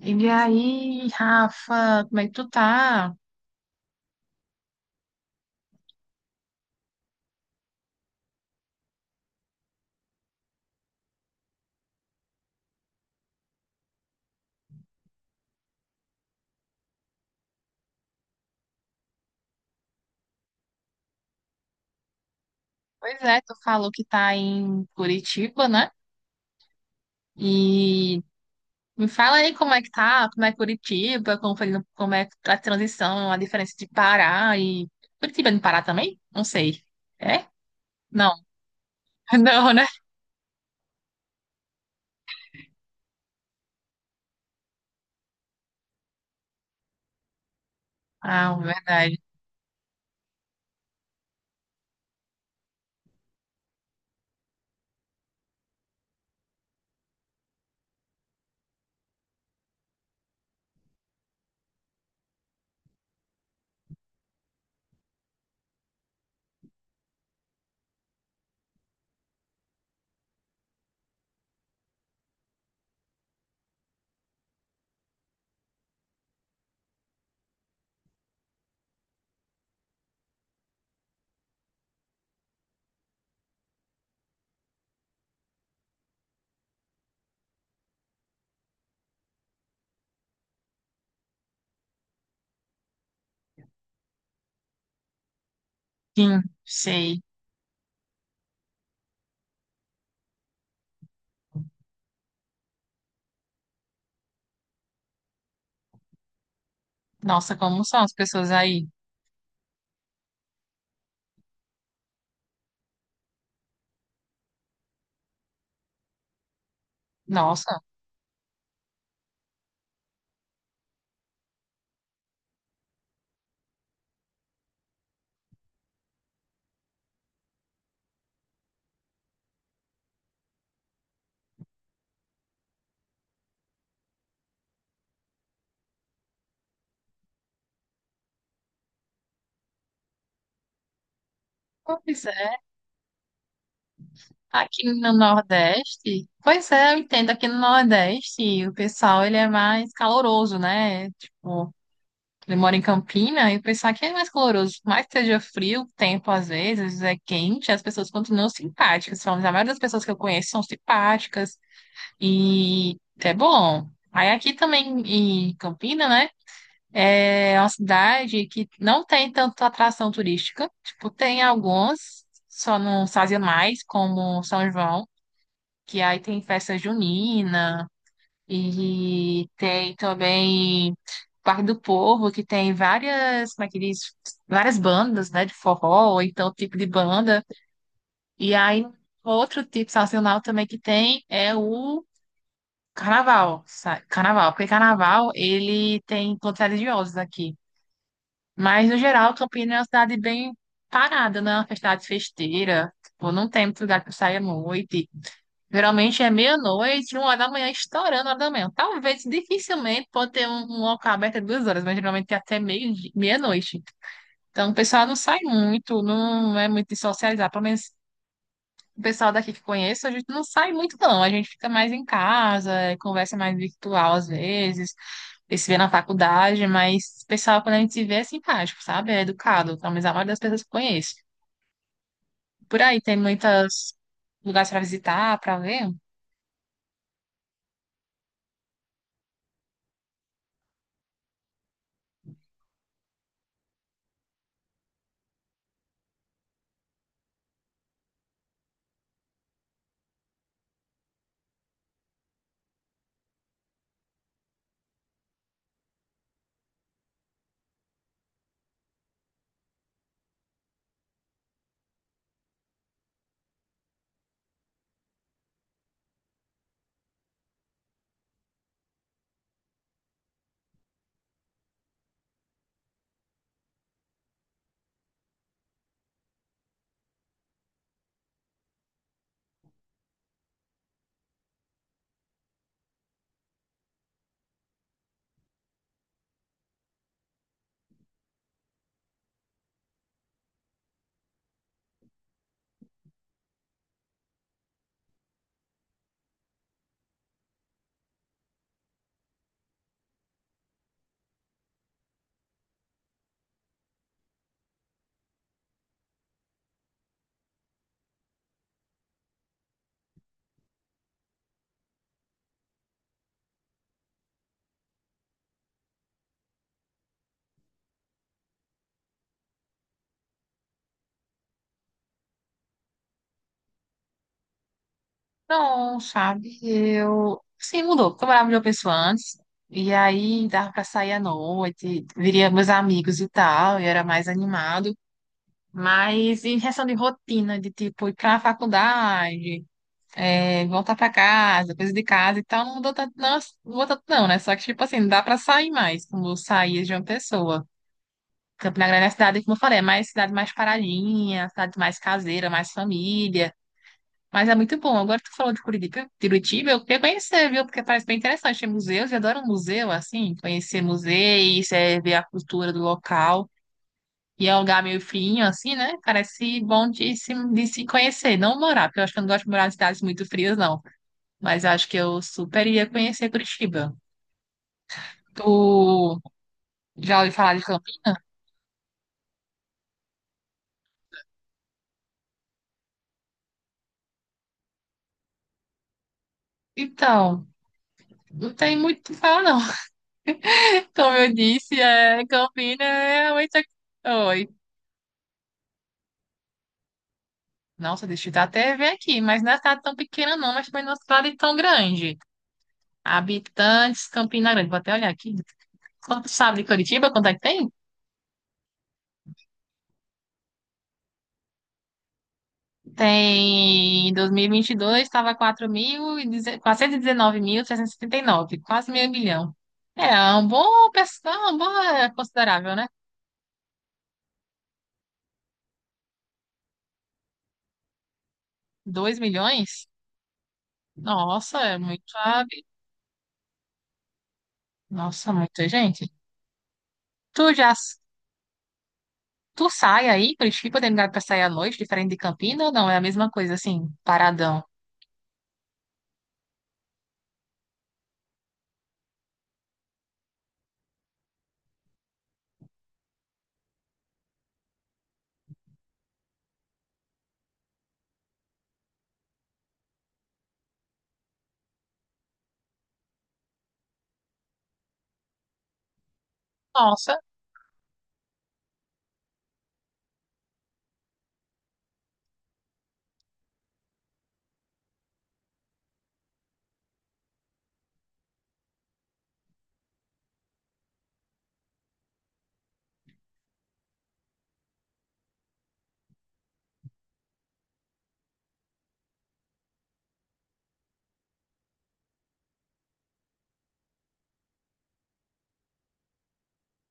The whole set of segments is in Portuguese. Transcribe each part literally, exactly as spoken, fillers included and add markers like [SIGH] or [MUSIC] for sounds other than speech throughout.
E aí, Rafa, como é que tu tá? Pois é, tu falou que tá em Curitiba, né? E me fala aí como é que tá, como é Curitiba, como foi, como é a transição, a diferença de Pará e. Curitiba é no Pará também? Não sei. É? Não. [LAUGHS] Não, né? Ah, verdade. Sim, sei. Nossa, como são as pessoas aí? Nossa. Pois. Aqui no Nordeste, pois é, eu entendo, aqui no Nordeste o pessoal ele é mais caloroso, né? Tipo, ele mora em Campina e o pessoal aqui é mais caloroso. Por mais que seja frio, o tempo às vezes, às vezes é quente, as pessoas continuam simpáticas. Falamos, a maioria das pessoas que eu conheço são simpáticas e é bom. Aí aqui também em Campina, né? É uma cidade que não tem tanta atração turística. Tipo, tem alguns, só não sazonais, como São João, que aí tem festa junina, e tem também Parque do Povo, que tem várias, como é que diz? Várias bandas, né, de forró, ou então tipo de banda. E aí outro tipo sazonal também que tem é o carnaval, sabe? Carnaval, porque carnaval ele tem encontros religiosos aqui. Mas no geral, Campinas é uma cidade bem parada, né? Uma cidade festeira, tipo, não tem muito lugar para sair à noite. Geralmente é meia-noite, uma hora da manhã, estourando a hora da manhã. Talvez, dificilmente, pode ter um, um local aberto duas horas, mas geralmente é até meio, meia-noite. Então, o pessoal não sai muito, não é muito de socializar. Pelo menos o pessoal daqui que conheço, a gente não sai muito, não. A gente fica mais em casa, é, conversa mais virtual às vezes, e se vê na faculdade, mas o pessoal, quando a gente se vê, é simpático, sabe? É educado. Pelo menos a maioria das pessoas que conheço. Por aí tem muitos lugares para visitar, para ver. Não, sabe? Eu. Sim, mudou, porque eu morava em uma pessoa antes, e aí dava pra sair à noite, viria meus amigos e tal, e era mais animado. Mas em questão de rotina, de tipo ir pra faculdade, é, voltar pra casa, coisa de casa e tal, não mudou tanto, não, não mudou tanto, não, né? Só que, tipo assim, não dá pra sair mais, como eu saía de uma pessoa. Campina Grande é a cidade, como eu falei, é mais cidade mais paradinha, cidade mais caseira, mais família. Mas é muito bom. Agora que tu falou de Curitiba, Curitiba, eu queria conhecer, viu? Porque parece bem interessante. Tem museus, eu adoro museu, assim, conhecer museus, é, ver a cultura do local. E é um lugar meio frio, assim, né? Parece bom de se, de se conhecer, não morar, porque eu acho que eu não gosto de morar em cidades muito frias, não. Mas eu acho que eu super iria conhecer Curitiba. Tu já ouviu falar de Campinas? Então, não tem muito o que falar, não. [LAUGHS] Como eu disse, é, Campinas é realmente. Oi. Nossa, deixa eu dar até ver aqui, mas não é cidade tão pequena não, mas também não é uma cidade tão grande. Habitantes, Campina Grande, vou até olhar aqui. Quanto sabe de Curitiba, quanto é que tem? Tem, em dois mil e vinte e dois estava quatro mil mil e deze- quatrocentos e dezenove mil seiscentos e setenta e quatrocentos nove, quase meio milhão. É, é um bom, perce- é um bom, é considerável, né? Dois milhões? Nossa, é muito, habi- Nossa, muita gente. Tu já Tu sai aí, Curitiba tem lugar pra sair à noite, diferente de Campina ou não? É a mesma coisa, assim, paradão. Nossa,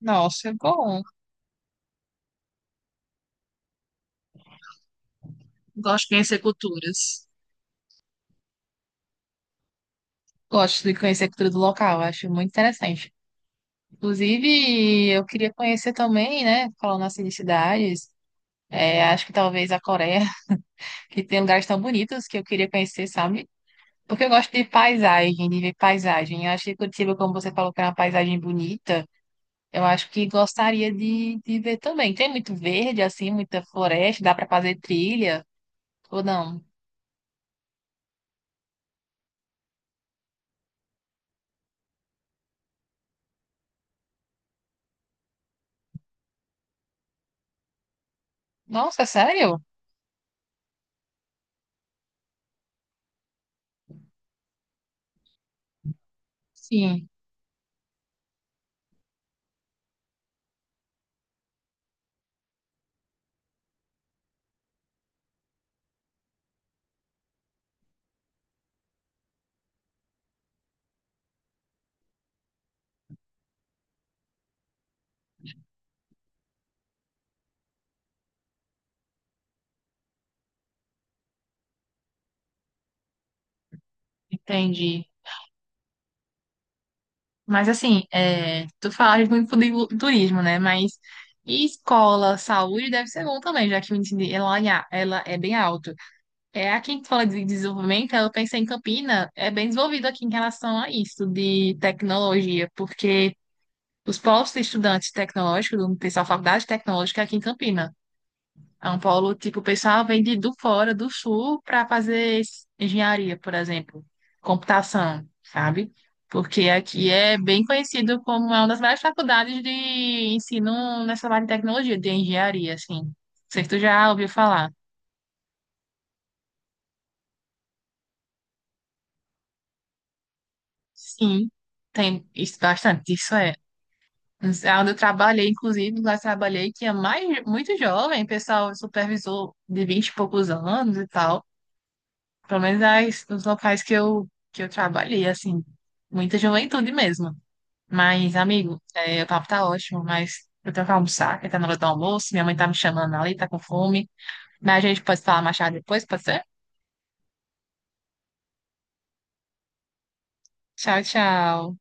nossa, é bom. Gosto de conhecer culturas. Gosto de conhecer a cultura do local, acho muito interessante. Inclusive, eu queria conhecer também, né, falando assim de cidades, é, acho que talvez a Coreia, [LAUGHS] que tem lugares tão bonitos que eu queria conhecer, sabe? Porque eu gosto de paisagem, de ver paisagem. Eu acho que Curitiba, como você falou, que é uma paisagem bonita, eu acho que gostaria de, de ver também. Tem muito verde, assim, muita floresta, dá para fazer trilha ou não? Nossa, sério? Sim, entendi. Mas assim, é, tu falas muito de lu- turismo, né? Mas e escola, saúde deve ser bom também, já que o índice de- ela, é a- ela é bem alto. É aqui que fala de desenvolvimento, eu pensei em Campina, é bem desenvolvido aqui em relação a isso de tecnologia, porque os postos de estudantes tecnológicos, do pessoal da faculdade tecnológica é aqui em Campina. São Paulo, tipo, o pessoal vem de, do fora, do sul, para fazer engenharia, por exemplo, computação, sabe? Porque aqui é bem conhecido como é uma das melhores faculdades de ensino nessa área de tecnologia, de engenharia, assim. Não sei se tu já ouviu falar. Sim, tem isso bastante, isso é. É onde eu trabalhei, inclusive, lá eu trabalhei que é mais, muito jovem, pessoal, supervisor de vinte e poucos anos e tal. Pelo menos as, os locais que eu, que eu trabalhei, assim, muita juventude mesmo. Mas, amigo, é, o papo tá ótimo, mas eu tenho que almoçar, que tá na hora do almoço, minha mãe tá me chamando ali, tá com fome. Mas a gente pode falar mais tarde depois, pode ser? Tchau, tchau.